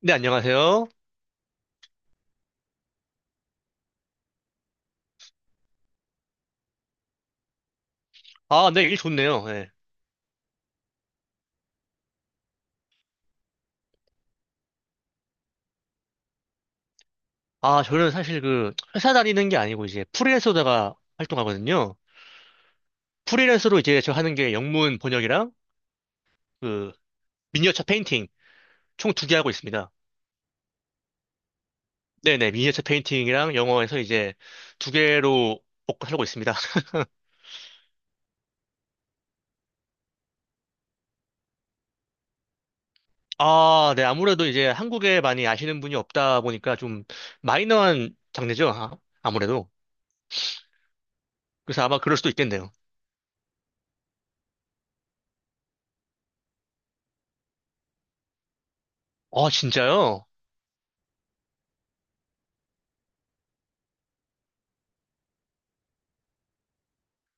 네, 안녕하세요. 아, 네, 일 좋네요. 예. 아, 저는 사실 그 회사 다니는 게 아니고 이제 프리랜서다가 활동하거든요. 프리랜서로 이제 저 하는 게 영문 번역이랑 그 미니어처 페인팅 총 두 개 하고 있습니다. 네네, 미니어처 페인팅이랑 영어에서 이제 두 개로 먹고 살고 있습니다. 아, 네, 아무래도 이제 한국에 많이 아시는 분이 없다 보니까 좀 마이너한 장르죠. 아, 아무래도. 그래서 아마 그럴 수도 있겠네요. 아, 진짜요?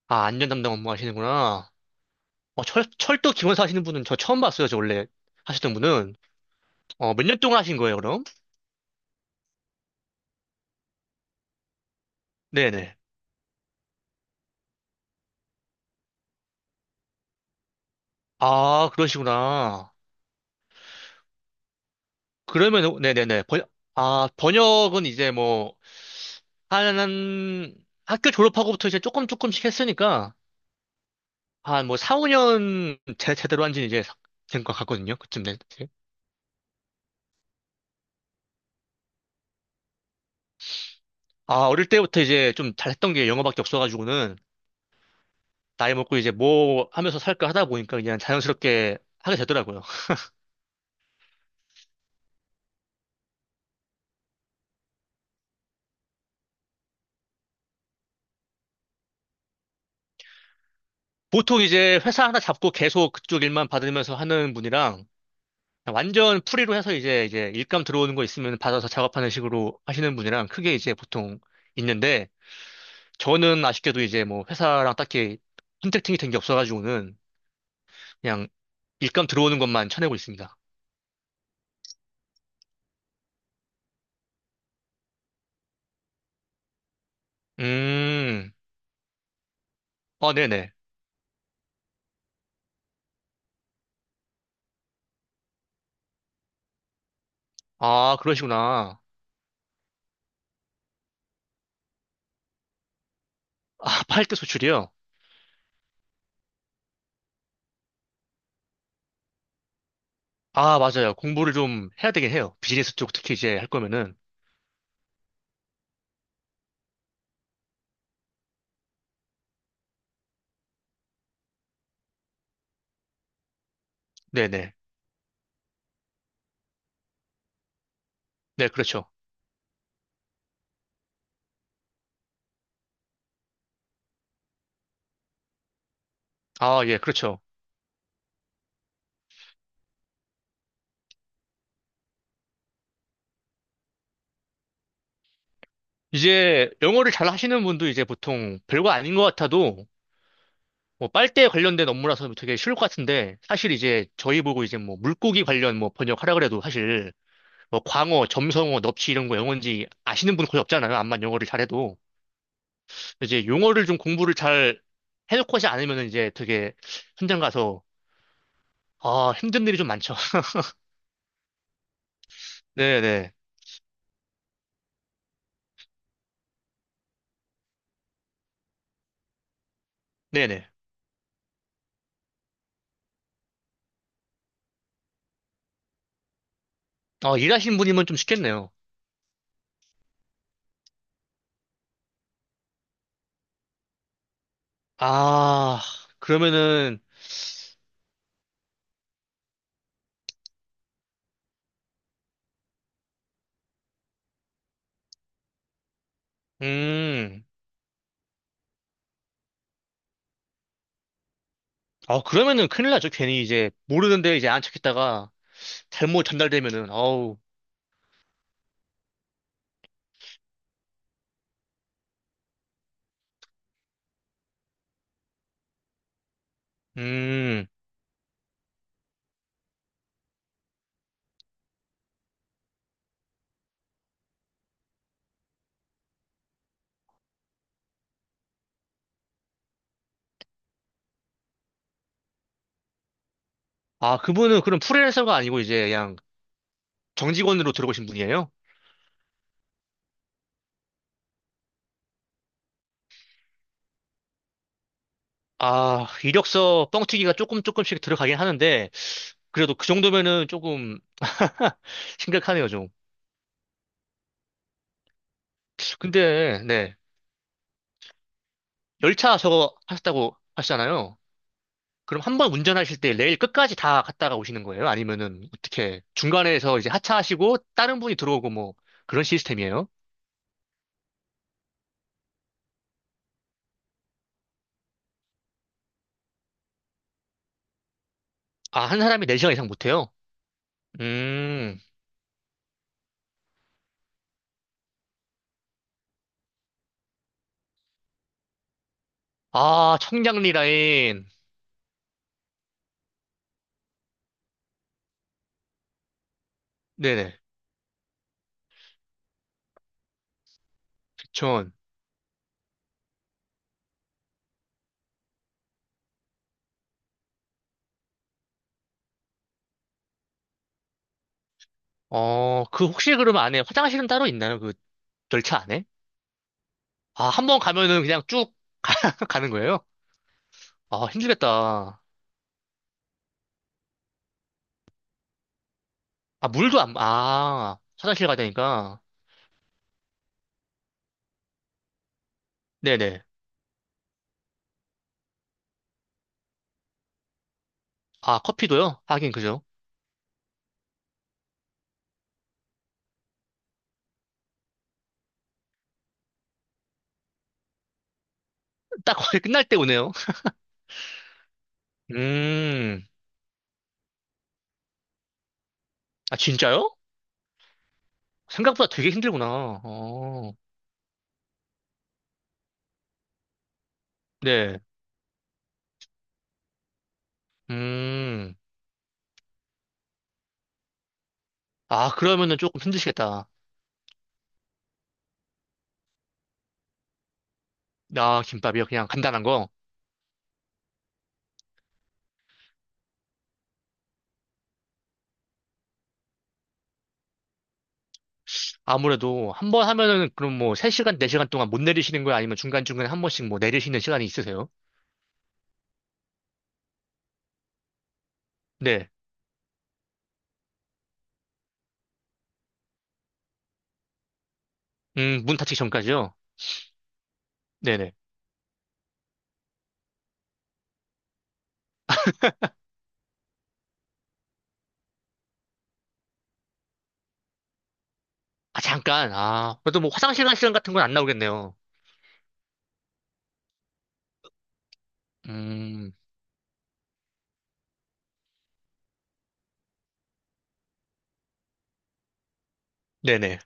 아, 안전 담당 업무 하시는구나. 어, 철도 기관 사시는 하 분은 저 처음 봤어요. 저 원래 하시던 분은. 어, 몇 년 동안 하신 거예요, 그럼? 네네. 아, 그러시구나. 그러면, 네네네. 아, 번역은 이제 뭐, 한, 학교 졸업하고부터 이제 조금 조금씩 했으니까, 한 뭐, 4, 5년 제대로 한 지는 이제 된 것 같거든요. 그쯤 된. 아, 어릴 때부터 이제 좀 잘했던 게 영어밖에 없어가지고는, 나이 먹고 이제 뭐 하면서 살까 하다 보니까 그냥 자연스럽게 하게 되더라고요. 보통 이제 회사 하나 잡고 계속 그쪽 일만 받으면서 하는 분이랑 그냥 완전 프리로 해서 이제 일감 들어오는 거 있으면 받아서 작업하는 식으로 하시는 분이랑 크게 이제 보통 있는데 저는 아쉽게도 이제 뭐 회사랑 딱히 컨택팅이 된 게 없어가지고는 그냥 일감 들어오는 것만 쳐내고 있습니다. 음, 아, 네네. 아, 그러시구나. 아, 팔대 수출이요? 아, 맞아요. 공부를 좀 해야 되긴 해요. 비즈니스 쪽 특히 이제 할 거면은. 네네. 네, 그렇죠. 아, 예, 그렇죠. 이제 영어를 잘 하시는 분도 이제 보통 별거 아닌 것 같아도 뭐 빨대 관련된 업무라서 되게 쉬울 것 같은데 사실 이제 저희 보고 이제 뭐 물고기 관련 뭐 번역하라 그래도 사실 뭐 광어, 점성어, 넙치 이런 거 영어인지 아시는 분 거의 없잖아요. 암만 영어를 잘해도. 이제 용어를 좀 공부를 잘 해놓고 하지 않으면 이제 되게 현장 가서 아, 힘든 일이 좀 많죠. 네네. 네네. 어, 일하시는 분이면 좀 쉽겠네요. 아, 그러면은, 음. 아, 그러면은 큰일 나죠. 괜히 이제 모르는데 이제 안 찾겠다가 잘못 전달되면은 어우. 음. 아, 그분은 그럼 프리랜서가 아니고 이제 그냥 정직원으로 들어오신 분이에요? 아, 이력서 뻥튀기가 조금 조금씩 들어가긴 하는데 그래도 그 정도면은 조금 심각하네요, 좀. 근데 네. 열차 저거 하셨다고 하시잖아요. 그럼 한 번 운전하실 때 레일 끝까지 다 갔다가 오시는 거예요? 아니면은 어떻게 중간에서 이제 하차하시고 다른 분이 들어오고 뭐 그런 시스템이에요? 아, 한 사람이 4시간 이상 못해요? 음, 아, 청량리 라인. 네네, 부천. 어, 그 혹시 그러면 안에 화장실은 따로 있나요? 그 열차 안에? 아, 한 번 가면은 그냥 쭉 가는 거예요? 아, 힘들겠다. 아, 물도 안, 아, 화장실 가야 되니까. 네네. 아, 커피도요? 하긴, 그죠? 딱 거의 끝날 때 오네요. 음, 아, 진짜요? 생각보다 되게 힘들구나. 어, 네. 음, 아, 그러면은 조금 힘드시겠다. 아, 김밥이요? 그냥 간단한 거? 아무래도 한번 하면은 그럼 뭐 3시간, 4시간 동안 못 내리시는 거예요? 아니면 중간중간에 한 번씩 뭐 내리시는 시간이 있으세요? 네. 문 닫히기 전까지요? 네네. 아, 잠깐. 아, 그래도 뭐 화장실 간 시간 같은 건 안 나오겠네요. 음, 네네.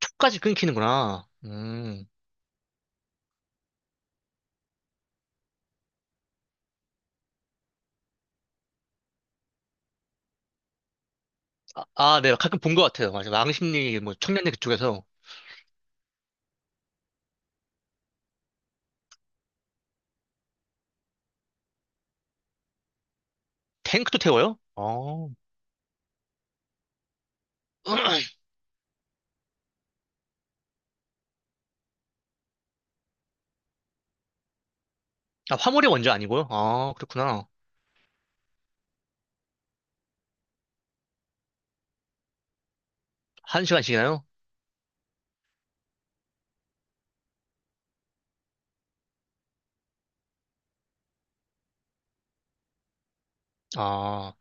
촉까지 끊기는구나. 음. 아, 아, 네. 가끔 본 것 같아요. 맞아요. 왕십리, 뭐, 청량리 그쪽에서. 탱크도 태워요? 어. 아, 화물이 먼저 아니고요? 아, 그렇구나. 한 시간씩이나요? 아,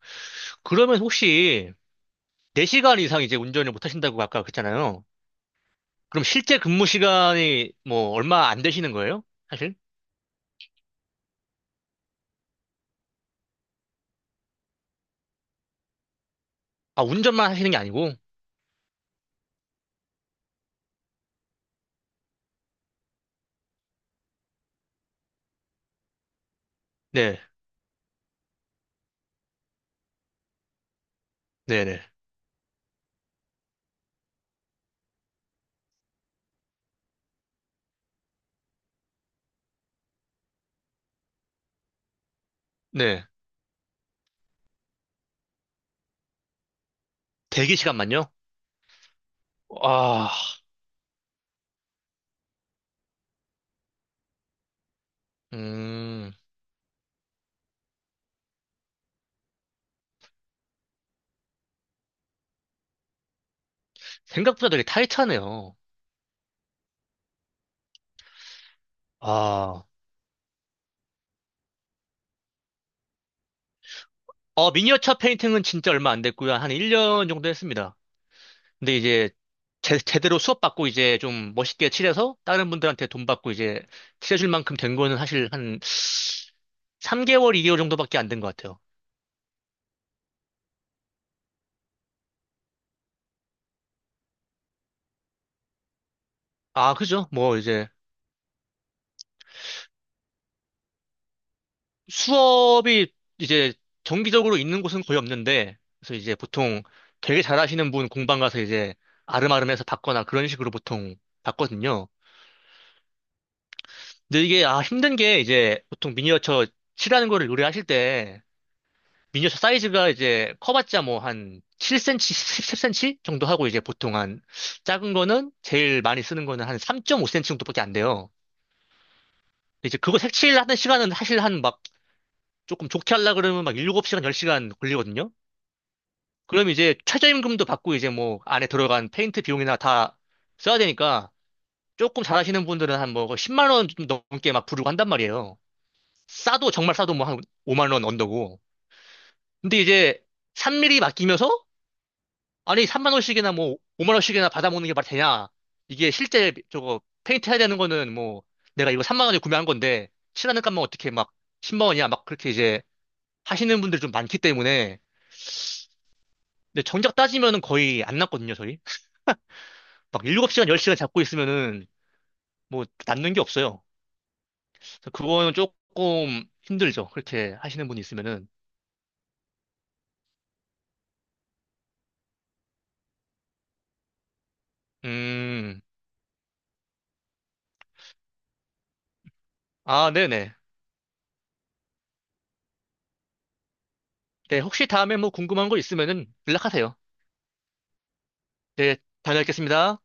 그러면 혹시 4시간 이상 이제 운전을 못 하신다고 아까 그랬잖아요. 그럼 실제 근무 시간이 뭐 얼마 안 되시는 거예요? 사실? 아, 운전만 하시는 게 아니고? 네, 네네, 네. 대기 시간만요? 아, 음, 생각보다 되게 타이트하네요. 아, 어, 미니어처 페인팅은 진짜 얼마 안 됐고요. 한 1년 정도 했습니다. 근데 이제 제대로 수업받고 이제 좀 멋있게 칠해서 다른 분들한테 돈 받고 이제 칠해줄 만큼 된 거는 사실 한 3개월, 2개월 정도밖에 안 된 것 같아요. 아, 그죠? 뭐 이제 수업이 이제 정기적으로 있는 곳은 거의 없는데, 그래서 이제 보통 되게 잘하시는 분 공방 가서 이제 아름아름해서 받거나 그런 식으로 보통 받거든요. 근데 이게 아 힘든 게 이제 보통 미니어처 칠하는 거를 요리하실 때 미니어처 사이즈가 이제 커봤자 뭐 한 7cm, 10cm 정도 하고 이제 보통 한 작은 거는 제일 많이 쓰는 거는 한 3.5cm 정도밖에 안 돼요. 이제 그거 색칠하는 시간은 사실 한 막 조금 좋게 하려 그러면 막 7시간, 10시간 걸리거든요. 그럼 이제 최저임금도 받고 이제 뭐 안에 들어간 페인트 비용이나 다 써야 되니까 조금 잘하시는 분들은 한 뭐 10만 원 좀 넘게 막 부르고 한단 말이에요. 싸도 정말 싸도 뭐 한 5만 원 언더고. 근데 이제 3mm 맡기면서 아니 3만 원씩이나 뭐 5만 원씩이나 받아먹는 게 말이 되냐. 이게 실제 저거 페인트 해야 되는 거는 뭐 내가 이거 3만 원에 구매한 건데 칠하는 값만 어떻게 막 10만 원이야 막 그렇게 이제 하시는 분들이 좀 많기 때문에 근데 정작 따지면은 거의 안 났거든요 저희. 막 7시간 10시간 잡고 있으면은 뭐 남는 게 없어요. 그래서 그거는 조금 힘들죠. 그렇게 하시는 분이 있으면은. 음, 아, 네네. 네, 혹시 다음에 뭐 궁금한 거 있으면은 연락하세요. 네, 다녀오겠습니다.